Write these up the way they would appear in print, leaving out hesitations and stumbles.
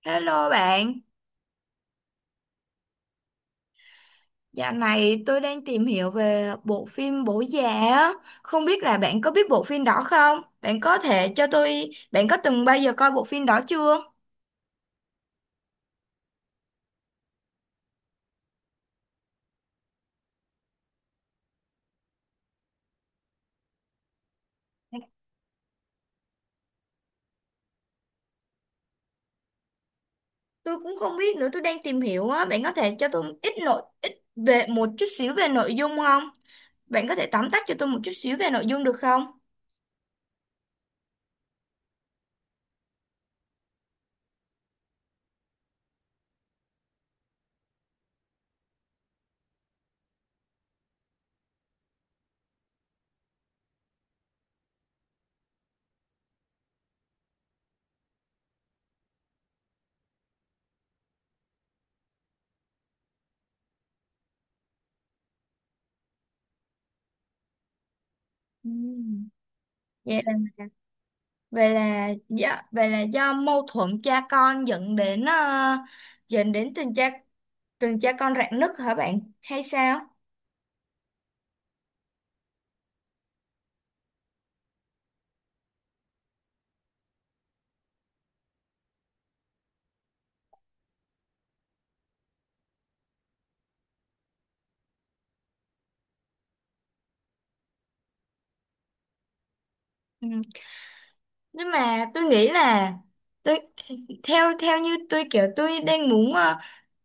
Hello bạn, dạo này tôi đang tìm hiểu về bộ phim Bố Già á, không biết là bạn có biết bộ phim đó không? Bạn có thể cho tôi, bạn có từng bao giờ coi bộ phim đó chưa? Tôi cũng không biết nữa, tôi đang tìm hiểu á, bạn có thể cho tôi ít nội ít về một chút xíu về nội dung không? Bạn có thể tóm tắt cho tôi một chút xíu về nội dung được không? Ừm. Vậy là về là do mâu thuẫn cha con dẫn đến dẫn đến tình cha con rạn nứt hả bạn? Hay sao? Ừ. Nhưng mà tôi nghĩ là tôi theo theo như tôi kiểu tôi đang muốn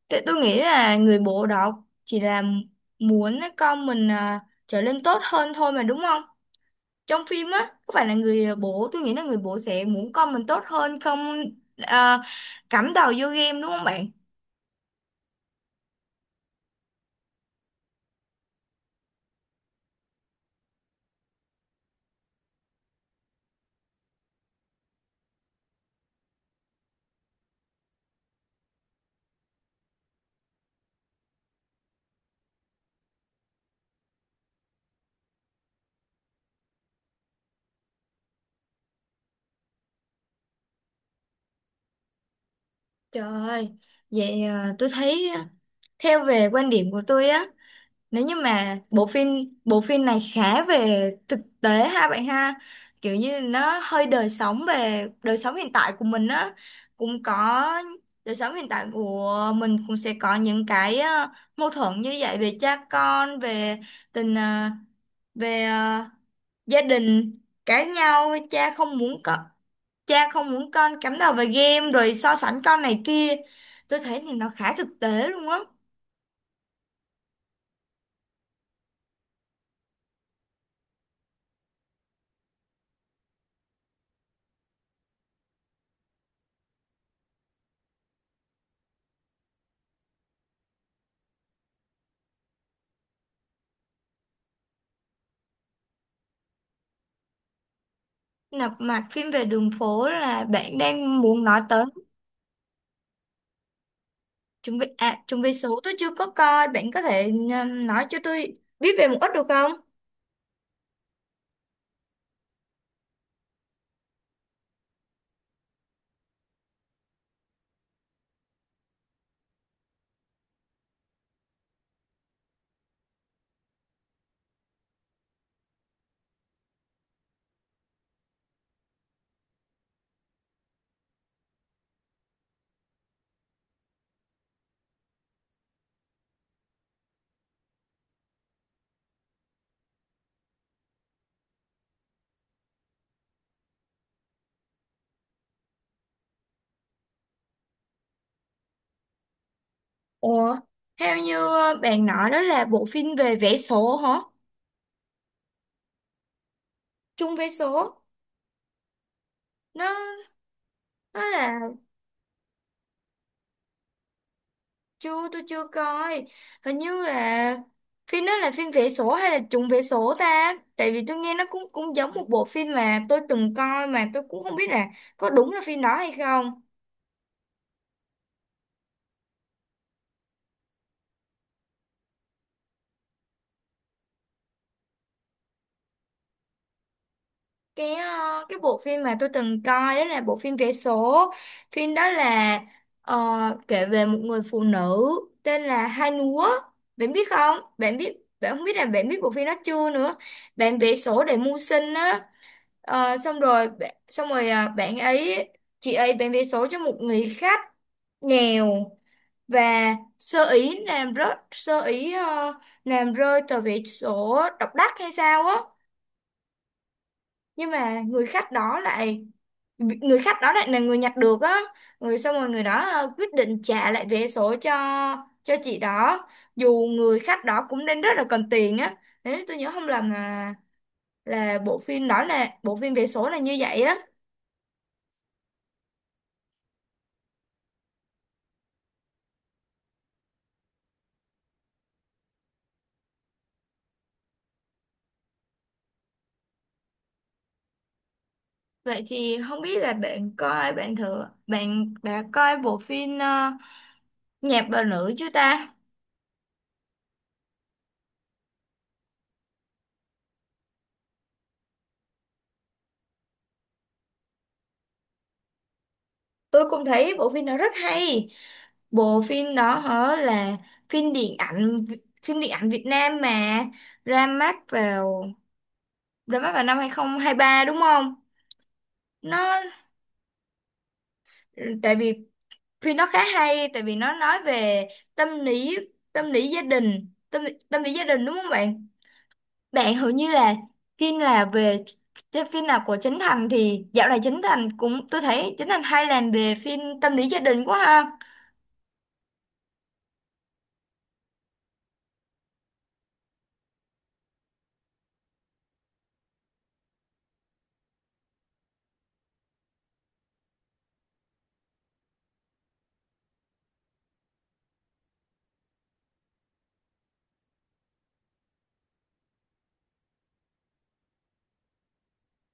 tại tôi nghĩ là người bố đó chỉ là muốn con mình trở nên tốt hơn thôi mà đúng không, trong phim á có phải là người bố tôi nghĩ là người bố sẽ muốn con mình tốt hơn không, ờ, cắm đầu vô game đúng không bạn? Trời ơi, vậy tôi thấy theo về quan điểm của tôi á, nếu như mà bộ phim này khá về thực tế ha bạn ha, kiểu như nó hơi đời sống về đời sống hiện tại của mình á, cũng có đời sống hiện tại của mình cũng sẽ có những cái mâu thuẫn như vậy về cha con, về tình về gia đình cãi nhau, cha không muốn con, cha không muốn con cắm đầu vào game rồi so sánh con này kia, tôi thấy thì nó khá thực tế luôn á. Nạp mạc phim về đường phố là bạn đang muốn nói tới? Chuẩn bị à, chuẩn bị số tôi chưa có coi, bạn có thể nói cho tôi biết về một ít được không? Ủa, theo như bạn nói đó là bộ phim về vẽ số hả? Chung vé số, nó nó là chưa, tôi chưa coi, hình như là phim đó là phim vẽ số hay là chung vé số ta? Tại vì tôi nghe nó cũng cũng giống một bộ phim mà tôi từng coi mà tôi cũng không biết là có đúng là phim đó hay không. Cái cái bộ phim mà tôi từng coi đó là bộ phim vé số, phim đó là ờ, kể về một người phụ nữ tên là Hai Núa, bạn biết không, bạn biết bạn không biết là bạn biết bộ phim đó chưa nữa, bạn vé số để mưu sinh á. Ờ, xong rồi xong rồi bạn ấy chị ấy bán vé số cho một người khách nghèo và sơ ý làm rớt sơ ý làm rơi tờ vé số độc đắc hay sao á, nhưng mà người khách đó lại người khách đó lại là người nhặt được á, người xong rồi người đó quyết định trả lại vé số cho chị đó, dù người khách đó cũng đang rất là cần tiền á. Nếu tôi nhớ không lầm là bộ phim đó là bộ phim vé số là như vậy á. Vậy thì không biết là bạn coi bạn thử bạn đã coi bộ phim nhạc bà nữ chưa ta? Tôi cũng thấy bộ phim đó rất hay, bộ phim đó hả là phim điện ảnh phim điện ảnh Việt Nam mà ra mắt vào ra mắt vào năm 2023 đúng không? Nó tại vì phim nó khá hay tại vì nó nói về tâm lý tâm lý gia đình, tâm tâm lý gia đình đúng không bạn? Bạn hầu như là phim là về cái phim nào của Trấn Thành thì dạo này Trấn Thành cũng tôi thấy Trấn Thành hay làm về phim tâm lý gia đình quá ha.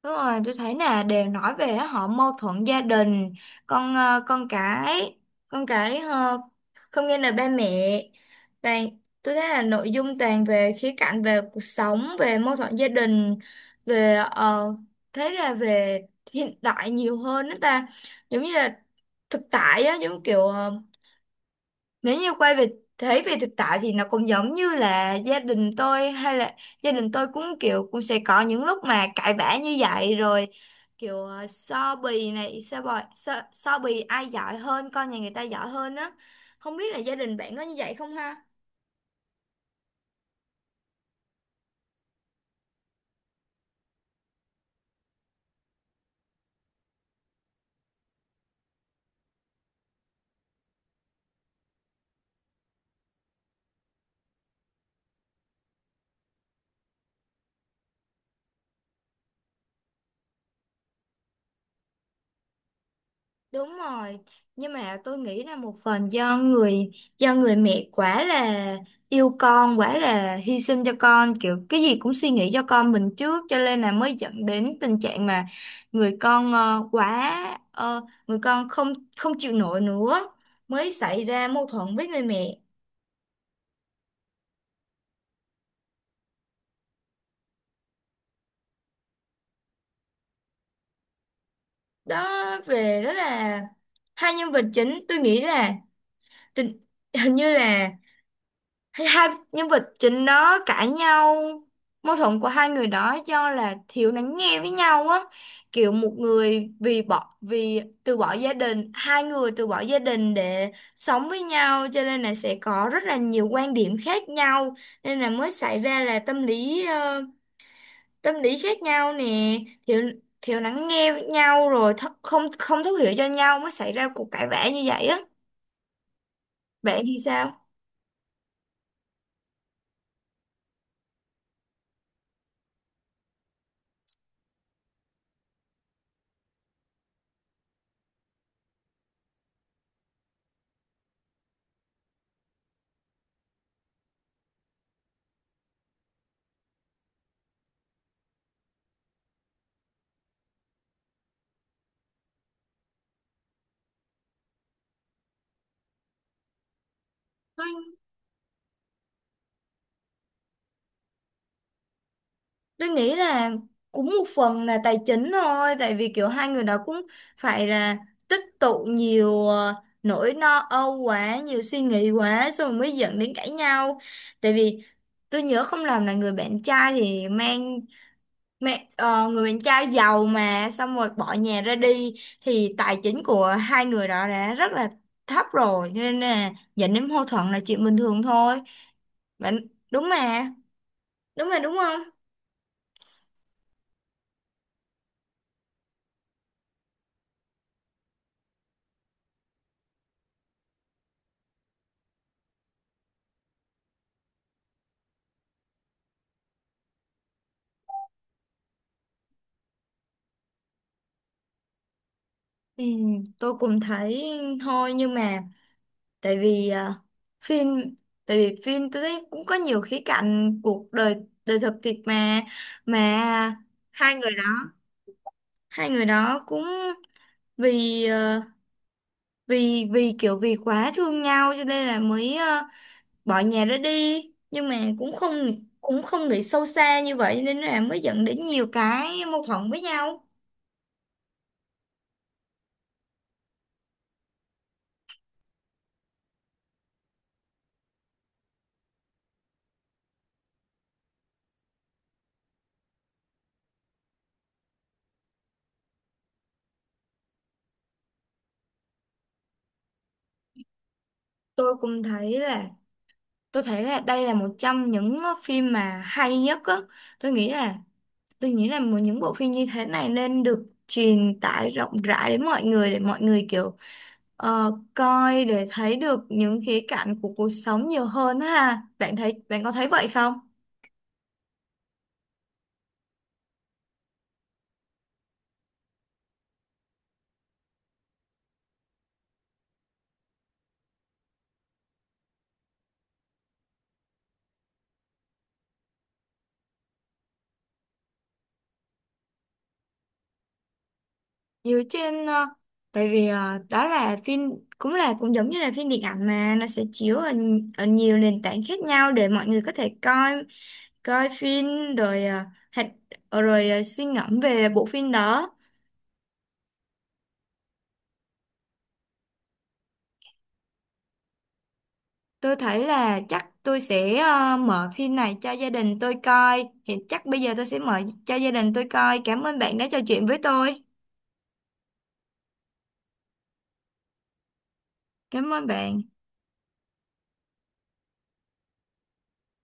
Đúng rồi, tôi thấy là đều nói về họ mâu thuẫn gia đình, con con cái không nghe lời ba mẹ. Toàn, tôi thấy là nội dung toàn về khía cạnh về cuộc sống, về mâu thuẫn gia đình, về thế là về hiện đại nhiều hơn đó ta. Giống như là thực tại á, giống kiểu nếu như quay về thế về thực tại thì nó cũng giống như là gia đình tôi hay là gia đình tôi cũng kiểu cũng sẽ có những lúc mà cãi vã như vậy rồi kiểu so bì này so bì, so, so bì ai giỏi hơn con nhà người ta giỏi hơn á, không biết là gia đình bạn có như vậy không ha? Đúng rồi, nhưng mà tôi nghĩ là một phần do người mẹ quá là yêu con, quá là hy sinh cho con, kiểu cái gì cũng suy nghĩ cho con mình trước cho nên là mới dẫn đến tình trạng mà người con quá người con không không chịu nổi nữa mới xảy ra mâu thuẫn với người mẹ. Đó về đó là hai nhân vật chính, tôi nghĩ là tình hình như là hay hai nhân vật chính đó cãi nhau, mâu thuẫn của hai người đó do là thiếu lắng nghe với nhau á, kiểu một người vì bỏ vì từ bỏ gia đình hai người từ bỏ gia đình để sống với nhau cho nên là sẽ có rất là nhiều quan điểm khác nhau, nên là mới xảy ra là tâm lý tâm lý khác nhau nè, thiếu thiếu lắng nghe với nhau rồi th không không thấu hiểu cho nhau mới xảy ra cuộc cãi vã như vậy á. Bạn thì sao? Tôi nghĩ là cũng một phần là tài chính thôi, tại vì kiểu hai người đó cũng phải là tích tụ nhiều nỗi lo âu quá, nhiều suy nghĩ quá, xong rồi mới dẫn đến cãi nhau. Tại vì tôi nhớ không lầm là người bạn trai thì mang, mang người bạn trai giàu mà, xong rồi bỏ nhà ra đi, thì tài chính của hai người đó đã rất là thấp rồi, cho nên là dẫn đến mâu thuẫn là chuyện bình thường thôi. Bạn đúng mà, đúng mà đúng không? Ừ, tôi cũng thấy thôi nhưng mà tại vì phim tại vì phim tôi thấy cũng có nhiều khía cạnh cuộc đời đời thực thiệt mà hai người đó hai người đó cũng vì vì vì kiểu vì quá thương nhau cho nên là mới bỏ nhà ra đi nhưng mà cũng không nghĩ sâu xa như vậy nên là mới dẫn đến nhiều cái mâu thuẫn với nhau. Tôi cũng thấy là tôi thấy là đây là một trong những phim mà hay nhất á, tôi nghĩ là tôi nghĩ là một những bộ phim như thế này nên được truyền tải rộng rãi đến mọi người để mọi người kiểu coi để thấy được những khía cạnh của cuộc sống nhiều hơn á ha, bạn thấy bạn có thấy vậy không? Dựa trên tại vì đó là phim cũng là cũng giống như là phim điện ảnh mà nó sẽ chiếu ở, ở nhiều nền tảng khác nhau để mọi người có thể coi coi phim rồi hạch rồi suy ngẫm về bộ phim đó. Tôi thấy là chắc tôi sẽ mở phim này cho gia đình tôi coi hiện chắc bây giờ tôi sẽ mở cho gia đình tôi coi, cảm ơn bạn đã trò chuyện với tôi. Cảm ơn bạn.